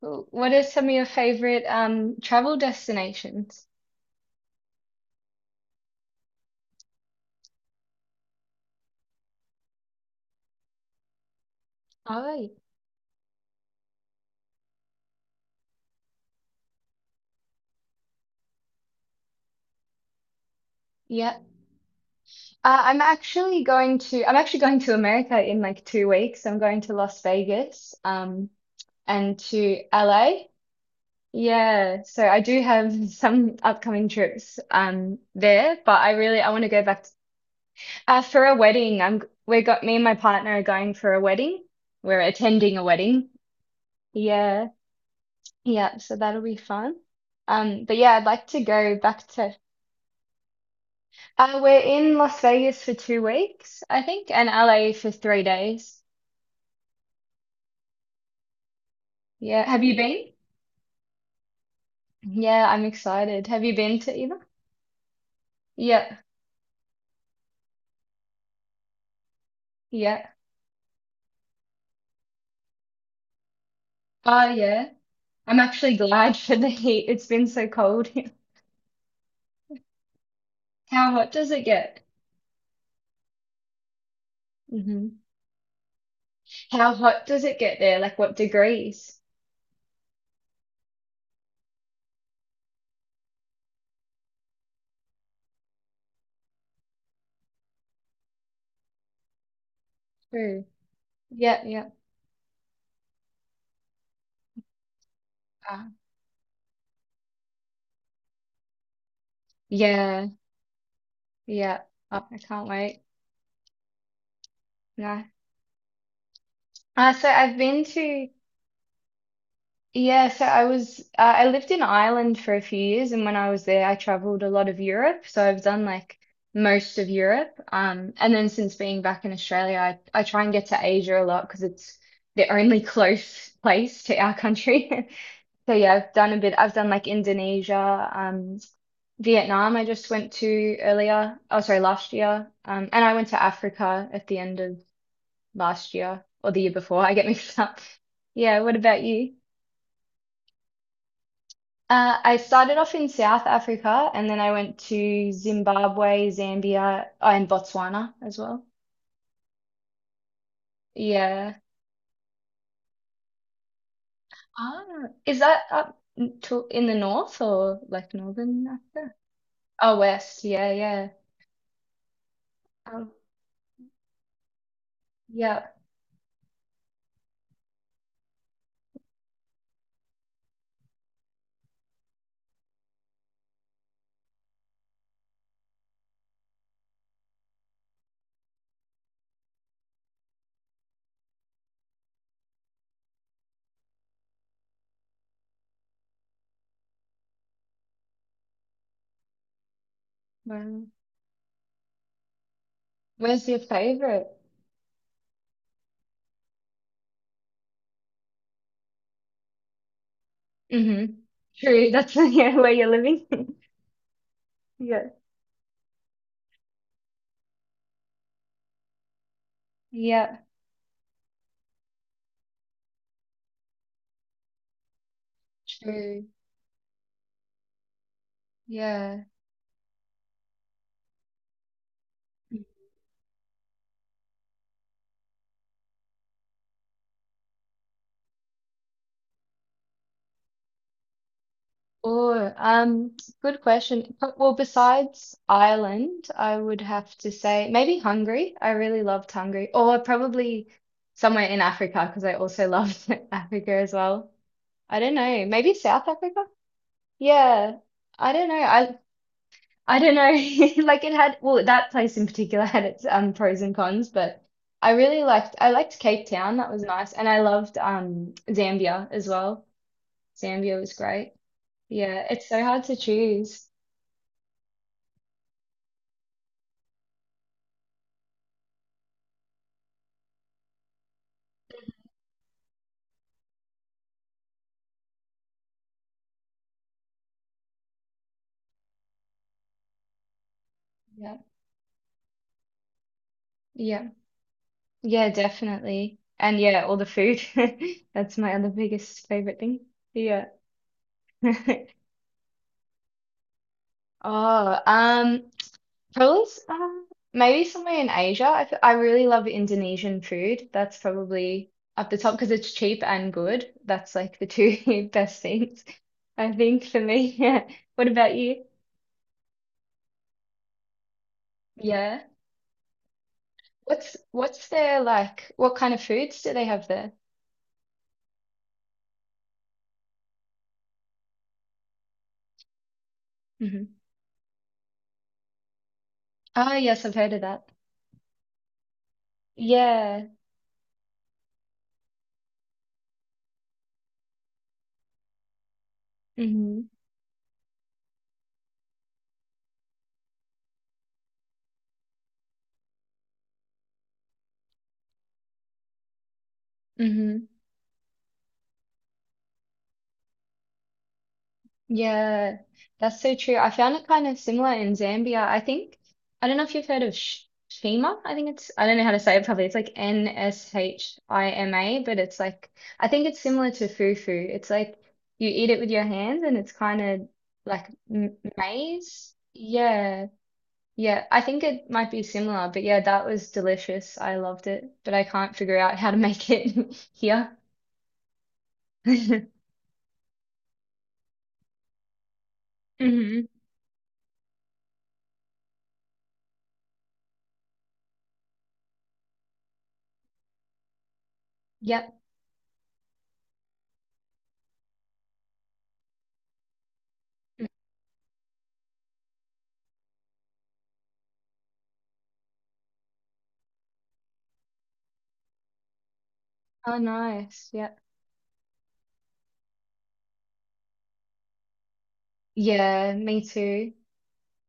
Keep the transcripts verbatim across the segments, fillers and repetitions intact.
Cool. What are some of your favorite um travel destinations? Oh. Yeah. Uh, I'm actually going to I'm actually going to America in like two weeks. I'm going to Las Vegas um and to L A. Yeah, so I do have some upcoming trips um there, but I really I want to go back to. Uh for a wedding. I'm We got, me and my partner are going for a wedding. We're attending a wedding. Yeah. Yeah, so that'll be fun. Um but yeah, I'd like to go back to. Uh, we're in Las Vegas for two weeks, I think, and L A for three days. Yeah. Have you been? Yeah, I'm excited. Have you been to either? Yeah. Yeah. Oh, yeah. I'm actually glad for the heat. It's been so cold here. How hot does it get? Hmm. How hot does it get there? Like what degrees? True. Yeah, yeah. Uh, yeah, yeah. Oh, I can't wait. No. Uh, so I've been to. Yeah, so I was uh, I lived in Ireland for a few years, and when I was there, I traveled a lot of Europe. So I've done like most of Europe. Um, and then since being back in Australia, I, I try and get to Asia a lot because it's the only close place to our country. So yeah, I've done a bit. I've done like Indonesia, um, Vietnam. I just went to earlier. Oh, sorry, last year. Um, and I went to Africa at the end of last year or the year before. I get mixed up. Yeah, what about you? Uh, I started off in South Africa and then I went to Zimbabwe, Zambia, oh, and Botswana as well. Yeah. Ah, is that up n- to in the north or like northern Africa? Oh, west. Yeah, yeah. Um, yeah. Wow. Where's your favorite? Mm-hmm. True. That's yeah, where you're living. Yeah. Yeah. True. Yeah. Oh, um, good question. But- well, besides Ireland, I would have to say maybe Hungary. I really loved Hungary, or probably somewhere in Africa because I also loved Africa as well. I don't know, maybe South Africa. Yeah, I don't know. I I don't know. Like it had, well, that place in particular had its um pros and cons, but I really liked I liked Cape Town. That was nice, and I loved um Zambia as well. Zambia was great. Yeah, it's so hard to choose. Yeah, yeah, yeah, definitely. And yeah, all the food. That's my other biggest favorite thing. Yeah. Oh, um, probably s- uh, maybe somewhere in Asia. I fe- I really love Indonesian food. That's probably up the top because it's cheap and good. That's like the two best things I think for me. Yeah. What about you? Yeah. What's what's their like? What kind of foods do they have there? Hmm. Oh, yes, I've heard of that. Yeah. Mm-hmm. Hmm. Yeah, that's so true. I found it kind of similar in Zambia. I think, I don't know if you've heard of Sh Shima. I think it's, I don't know how to say it properly. It's like N S H I M A, but it's like, I think it's similar to fufu. It's like you eat it with your hands and it's kind of like m maize. Yeah. Yeah. I think it might be similar, but yeah, that was delicious. I loved it, but I can't figure out how to make it here. Hmm. Yep. Oh, nice. Yeah. Yeah, me too.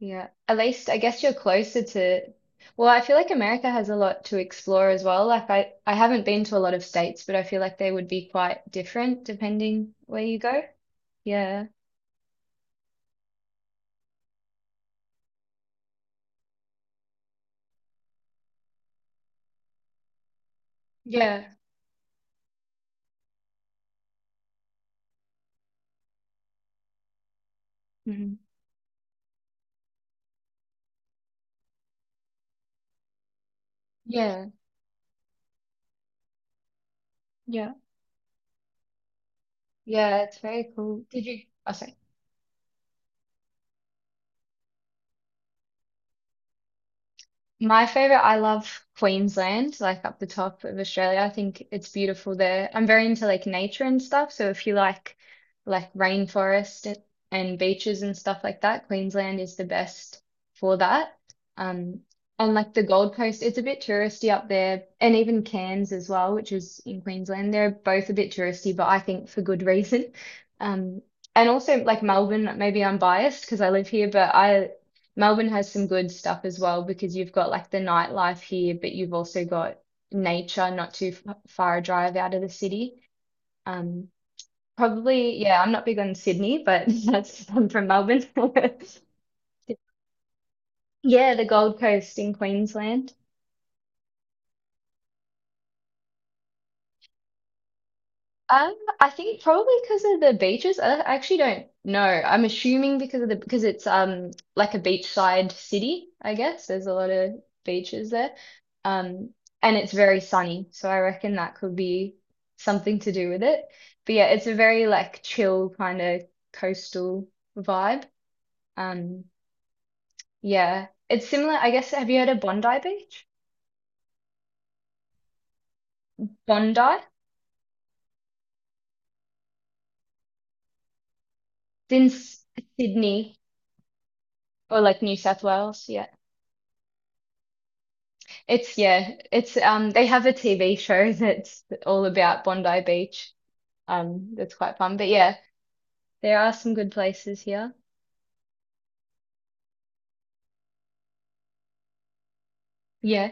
Yeah. At least I guess you're closer to, well, I feel like America has a lot to explore as well. Like I, I haven't been to a lot of states, but I feel like they would be quite different depending where you go. Yeah. Yeah. Mhm. Yeah, yeah. Yeah, it's very cool. Did you— oh, sorry. My favorite, I love Queensland, like up the top of Australia. I think it's beautiful there. I'm very into like nature and stuff. So if you like like rainforest and and beaches and stuff like that, Queensland is the best for that. Um, and like the Gold Coast, it's a bit touristy up there, and even Cairns as well, which is in Queensland. They're both a bit touristy, but I think for good reason. Um, and also like Melbourne, maybe I'm biased because I live here, but I Melbourne has some good stuff as well because you've got like the nightlife here, but you've also got nature not too f far a drive out of the city. Um, probably, yeah, I'm not big on Sydney, but that's I'm from Melbourne. Yeah, the Gold Coast in Queensland. Um, I think probably because of the beaches. I actually don't know. I'm assuming because of the because it's um like a beachside city, I guess. There's a lot of beaches there. Um, and it's very sunny, so I reckon that could be something to do with it. But yeah, it's a very like chill kind of coastal vibe. Um, yeah. It's similar, I guess. Have you heard of Bondi Beach? Bondi? It's in S- Sydney or like New South Wales. Yeah. It's yeah, it's um they have a T V show that's all about Bondi Beach. Um, that's quite fun. But yeah, there are some good places here. Yeah.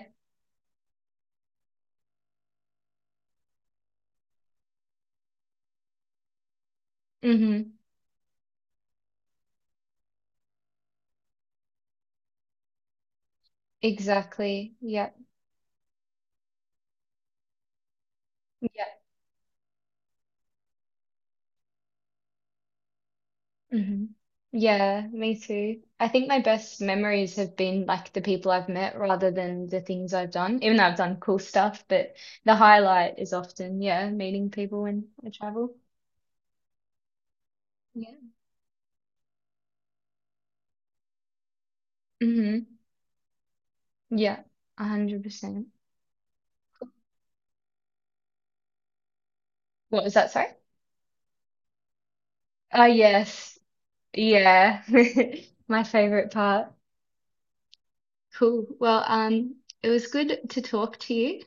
Mm-hmm. Exactly. Yeah. Yeah. Mm-hmm. Yeah, me too. I think my best memories have been like the people I've met rather than the things I've done, even though I've done cool stuff, but the highlight is often, yeah, meeting people when I travel. Yeah. Mm-hmm. Yeah, one hundred percent. What was that? Sorry? Oh, yes. Yeah, my favorite part. Cool. Well, um, it was good to talk to you.